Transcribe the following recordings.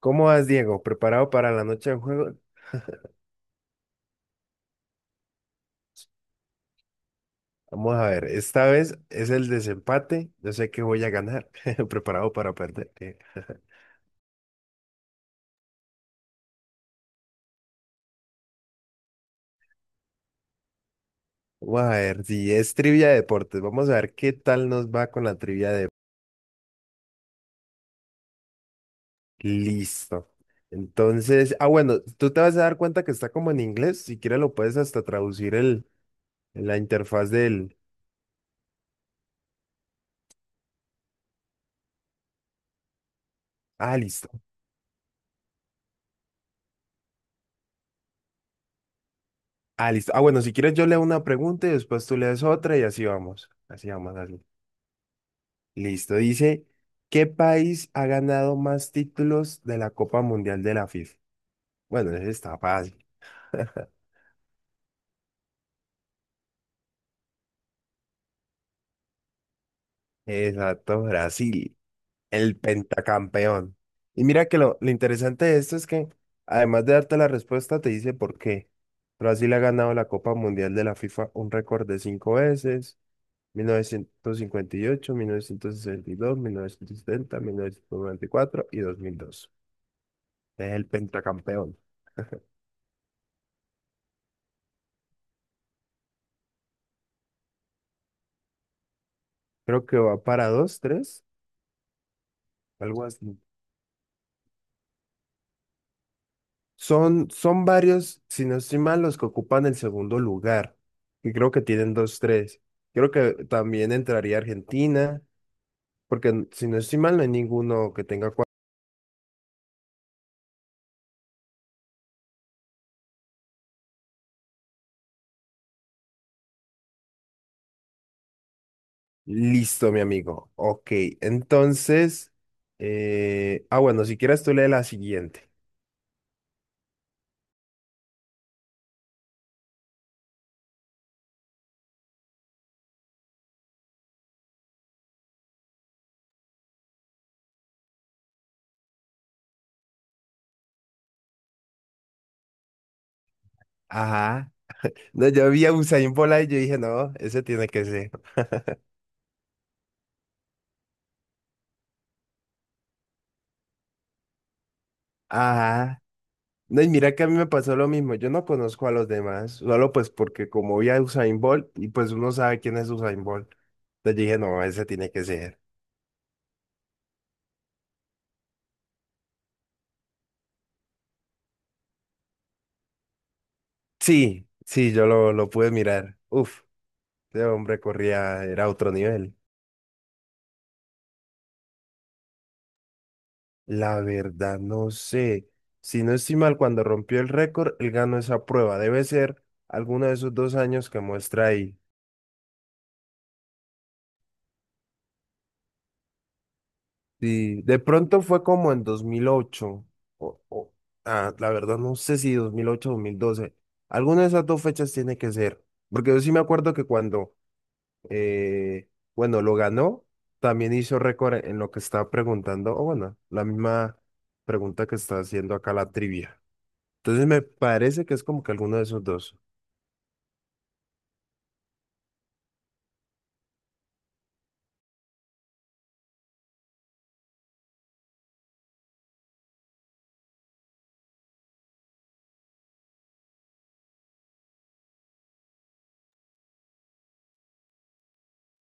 ¿Cómo vas, Diego? ¿Preparado para la noche de juego? Vamos a ver, esta vez es el desempate. Yo sé que voy a ganar. Preparado para perder. Vamos a ver, si es trivia de deportes. Vamos a ver qué tal nos va con la trivia de... Listo. Entonces, bueno, tú te vas a dar cuenta que está como en inglés. Si quieres lo puedes hasta traducir el, en la interfaz del... Ah, listo. Ah, listo. Bueno, si quieres yo leo una pregunta y después tú lees otra y así vamos. Así vamos, así. Listo, dice, ¿qué país ha ganado más títulos de la Copa Mundial de la FIFA? Bueno, ese está fácil. Exacto, Brasil, el pentacampeón. Y mira que lo interesante de esto es que, además de darte la respuesta, te dice por qué. Brasil ha ganado la Copa Mundial de la FIFA un récord de cinco veces, 1958, 1962, dos mil, mil novecientos y cuatro y dos. Mil dos. Es el pentacampeón. Creo que va para dos, tres. Algo así. Son varios, si no estoy mal, los que ocupan el segundo lugar. Y creo que tienen dos, tres. Creo que también entraría Argentina, porque si no estoy mal, no hay ninguno que tenga cuatro. Listo, mi amigo. Ok, entonces. Bueno, si quieres tú lee la siguiente. Ajá. No, yo vi a Usain Bola y yo dije, no, ese tiene que ser. Ajá. No, y mira que a mí me pasó lo mismo, yo no conozco a los demás, solo pues porque como vi a Usain Bolt y pues uno sabe quién es Usain Bolt. Entonces dije, no, ese tiene que ser. Sí, sí, yo lo pude mirar. Uf, ese hombre corría, era otro nivel. La verdad, no sé. Si no estoy mal, cuando rompió el récord, él ganó esa prueba. Debe ser alguno de esos dos años que muestra ahí. Sí, de pronto fue como en 2008 o, o- ah, la verdad no sé si 2008 o 2012, alguna de esas dos fechas tiene que ser, porque yo sí me acuerdo que cuando, eh, bueno, lo ganó, también hizo récord en lo que estaba preguntando, o bueno, la misma pregunta que está haciendo acá la trivia. Entonces me parece que es como que alguno de esos dos.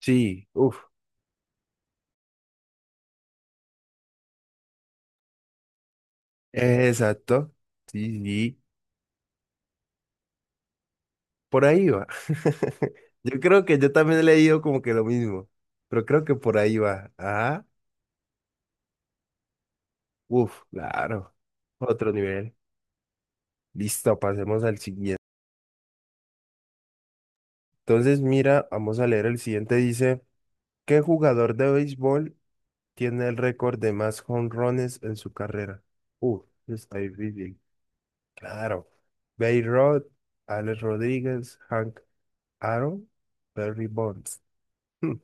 Sí, uff, exacto, sí, sí. Por ahí va. Yo creo que yo también he leído como que lo mismo, pero creo que por ahí va. Ajá. Uf, claro. Otro nivel. Listo, pasemos al siguiente. Entonces, mira, vamos a leer el siguiente. Dice, ¿qué jugador de béisbol tiene el récord de más jonrones en su carrera? Uf, está difícil. Claro. Babe Ruth, Alex Rodríguez, Hank Aaron, Barry Bonds. Hmm,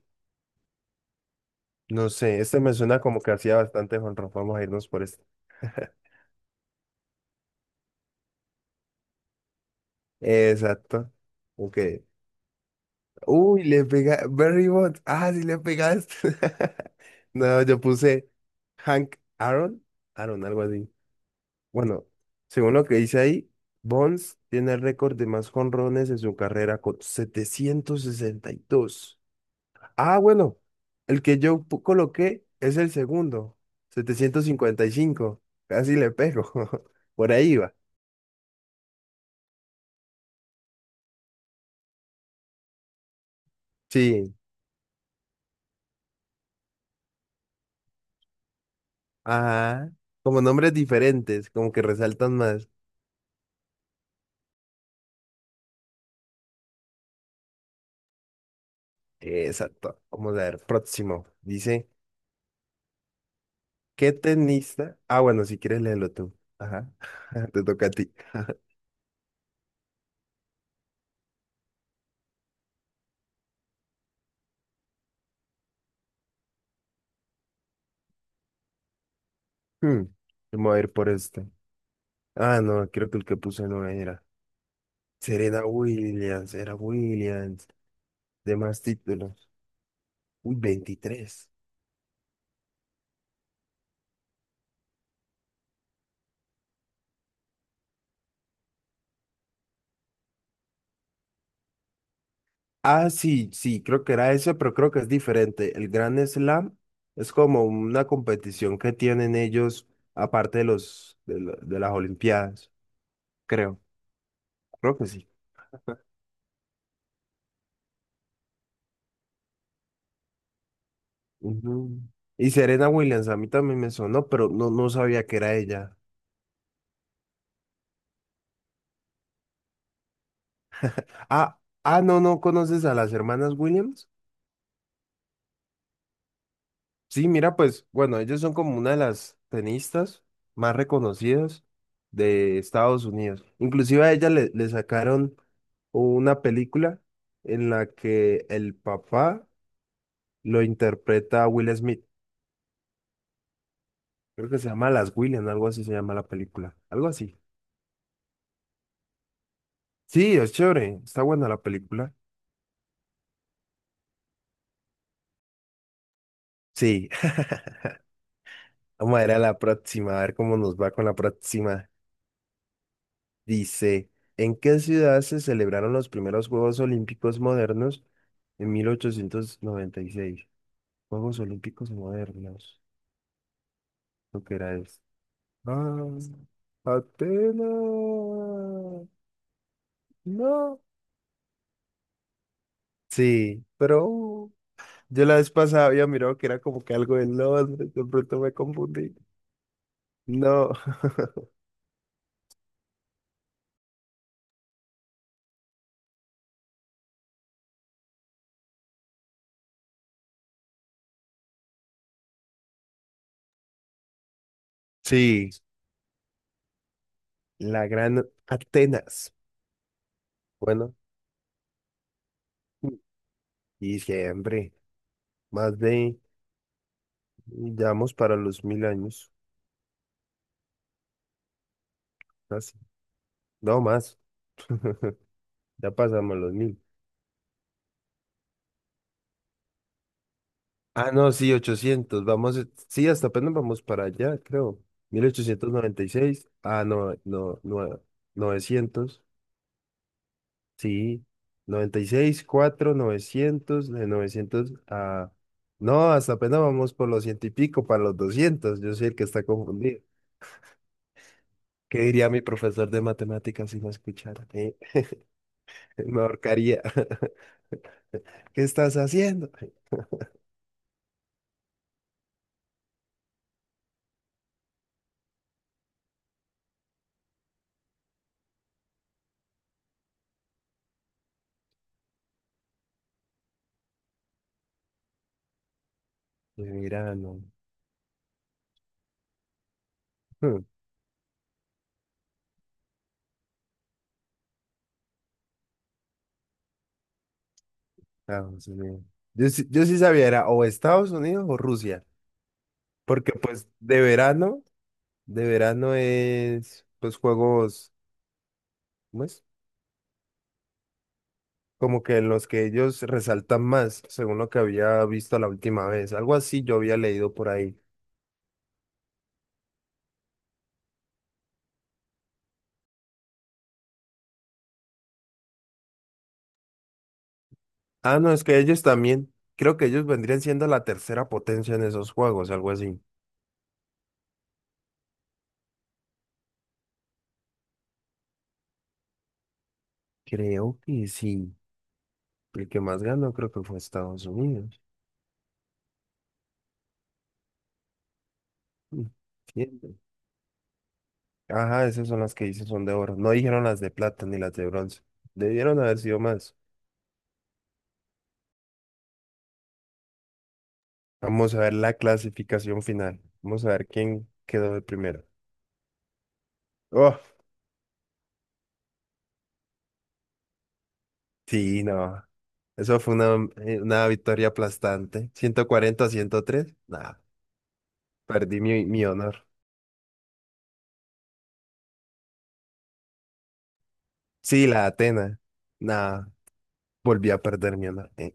no sé, este me suena como que hacía bastante jonrón. Vamos a irnos por este. Exacto. Ok. Uy, le pega. Barry Bonds. Ah, sí le pegaste. No, yo puse Hank Aaron. Aaron, algo así. Bueno, según lo que dice ahí, Bonds tiene el récord de más jonrones en su carrera con 762. Ah, bueno, el que yo coloqué es el segundo, 755. Casi le pego. Por ahí va. Sí, ajá. Como nombres diferentes, como que resaltan más. Exacto. Vamos a ver, próximo. Dice, ¿qué tenista? Ah, bueno, si quieres léelo tú. Ajá. Te toca a ti. Hmm, Vamos a ir por este. Ah, no, creo que el que puse no era. Serena Williams, era Williams. De más títulos. Uy, 23. Ah, sí, sí, creo que era ese, pero creo que es diferente. El Grand Slam es como una competición que tienen ellos, aparte de los de, de las Olimpiadas, creo, creo que sí. Ujú. Y Serena Williams, a mí también me sonó, pero no, no sabía que era ella. Ah, ah, no, no conoces a las hermanas Williams. Sí, mira, pues bueno, ellos son como una de las tenistas más reconocidas de Estados Unidos. Inclusive a ella le sacaron una película en la que el papá lo interpreta a Will Smith. Creo que se llama Las Williams, algo así se llama la película. Algo así. Sí, es chévere. Está buena la película. Sí. Vamos a ir a la próxima, a ver cómo nos va con la próxima. Dice, ¿en qué ciudad se celebraron los primeros Juegos Olímpicos modernos en 1896? Juegos Olímpicos modernos. ¿Lo que era eso? Ah, Atenas. No. Sí, pero yo la vez pasada había mirado que era como que algo de Londres, de pronto me confundí. No. Sí, la gran Atenas. Bueno, y siempre, más de, ya vamos para los mil años. Casi. No más, ya pasamos los mil. Ah, no, sí, 800 vamos, sí, hasta apenas vamos para allá, creo. 1896, ah, no, no, no, novecientos, sí, 96 4 900 de 900 a... No, hasta apenas vamos por los ciento y pico, para los 200 yo soy el que está confundido. ¿Qué diría mi profesor de matemáticas si me escuchara? Me ahorcaría. ¿Qué estás haciendo? Pues mira, no. Estados Unidos. Yo sí, yo sí sabía, era o Estados Unidos o Rusia, porque pues de verano es pues juegos, ¿cómo es? Como que en los que ellos resaltan más, según lo que había visto la última vez, algo así yo había leído por ahí. Ah, no, es que ellos también, creo que ellos vendrían siendo la tercera potencia en esos juegos, algo así. Creo que sí, el que más ganó creo que fue Estados Unidos. Mm, bien. Ajá, esas son las que hice son de oro. No dijeron las de plata ni las de bronce. Debieron haber sido más. Vamos a ver la clasificación final. Vamos a ver quién quedó de primero. Oh, sí, no. Eso fue una victoria aplastante. 140 a 103. Nah, perdí mi honor. Sí, la Atena. Nah, volví a perder mi honor.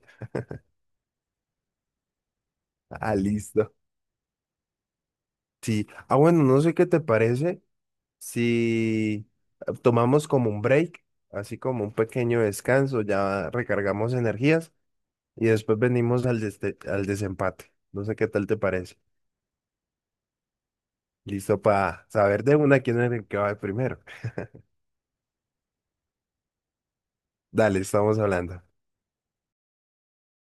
Ah, listo. Sí. Ah, bueno, no sé qué te parece. Si tomamos como un break, así como un pequeño descanso, ya recargamos energías y después venimos al, al desempate. No sé qué tal te parece. Listo para saber de una quién es el que va primero. Dale, estamos hablando.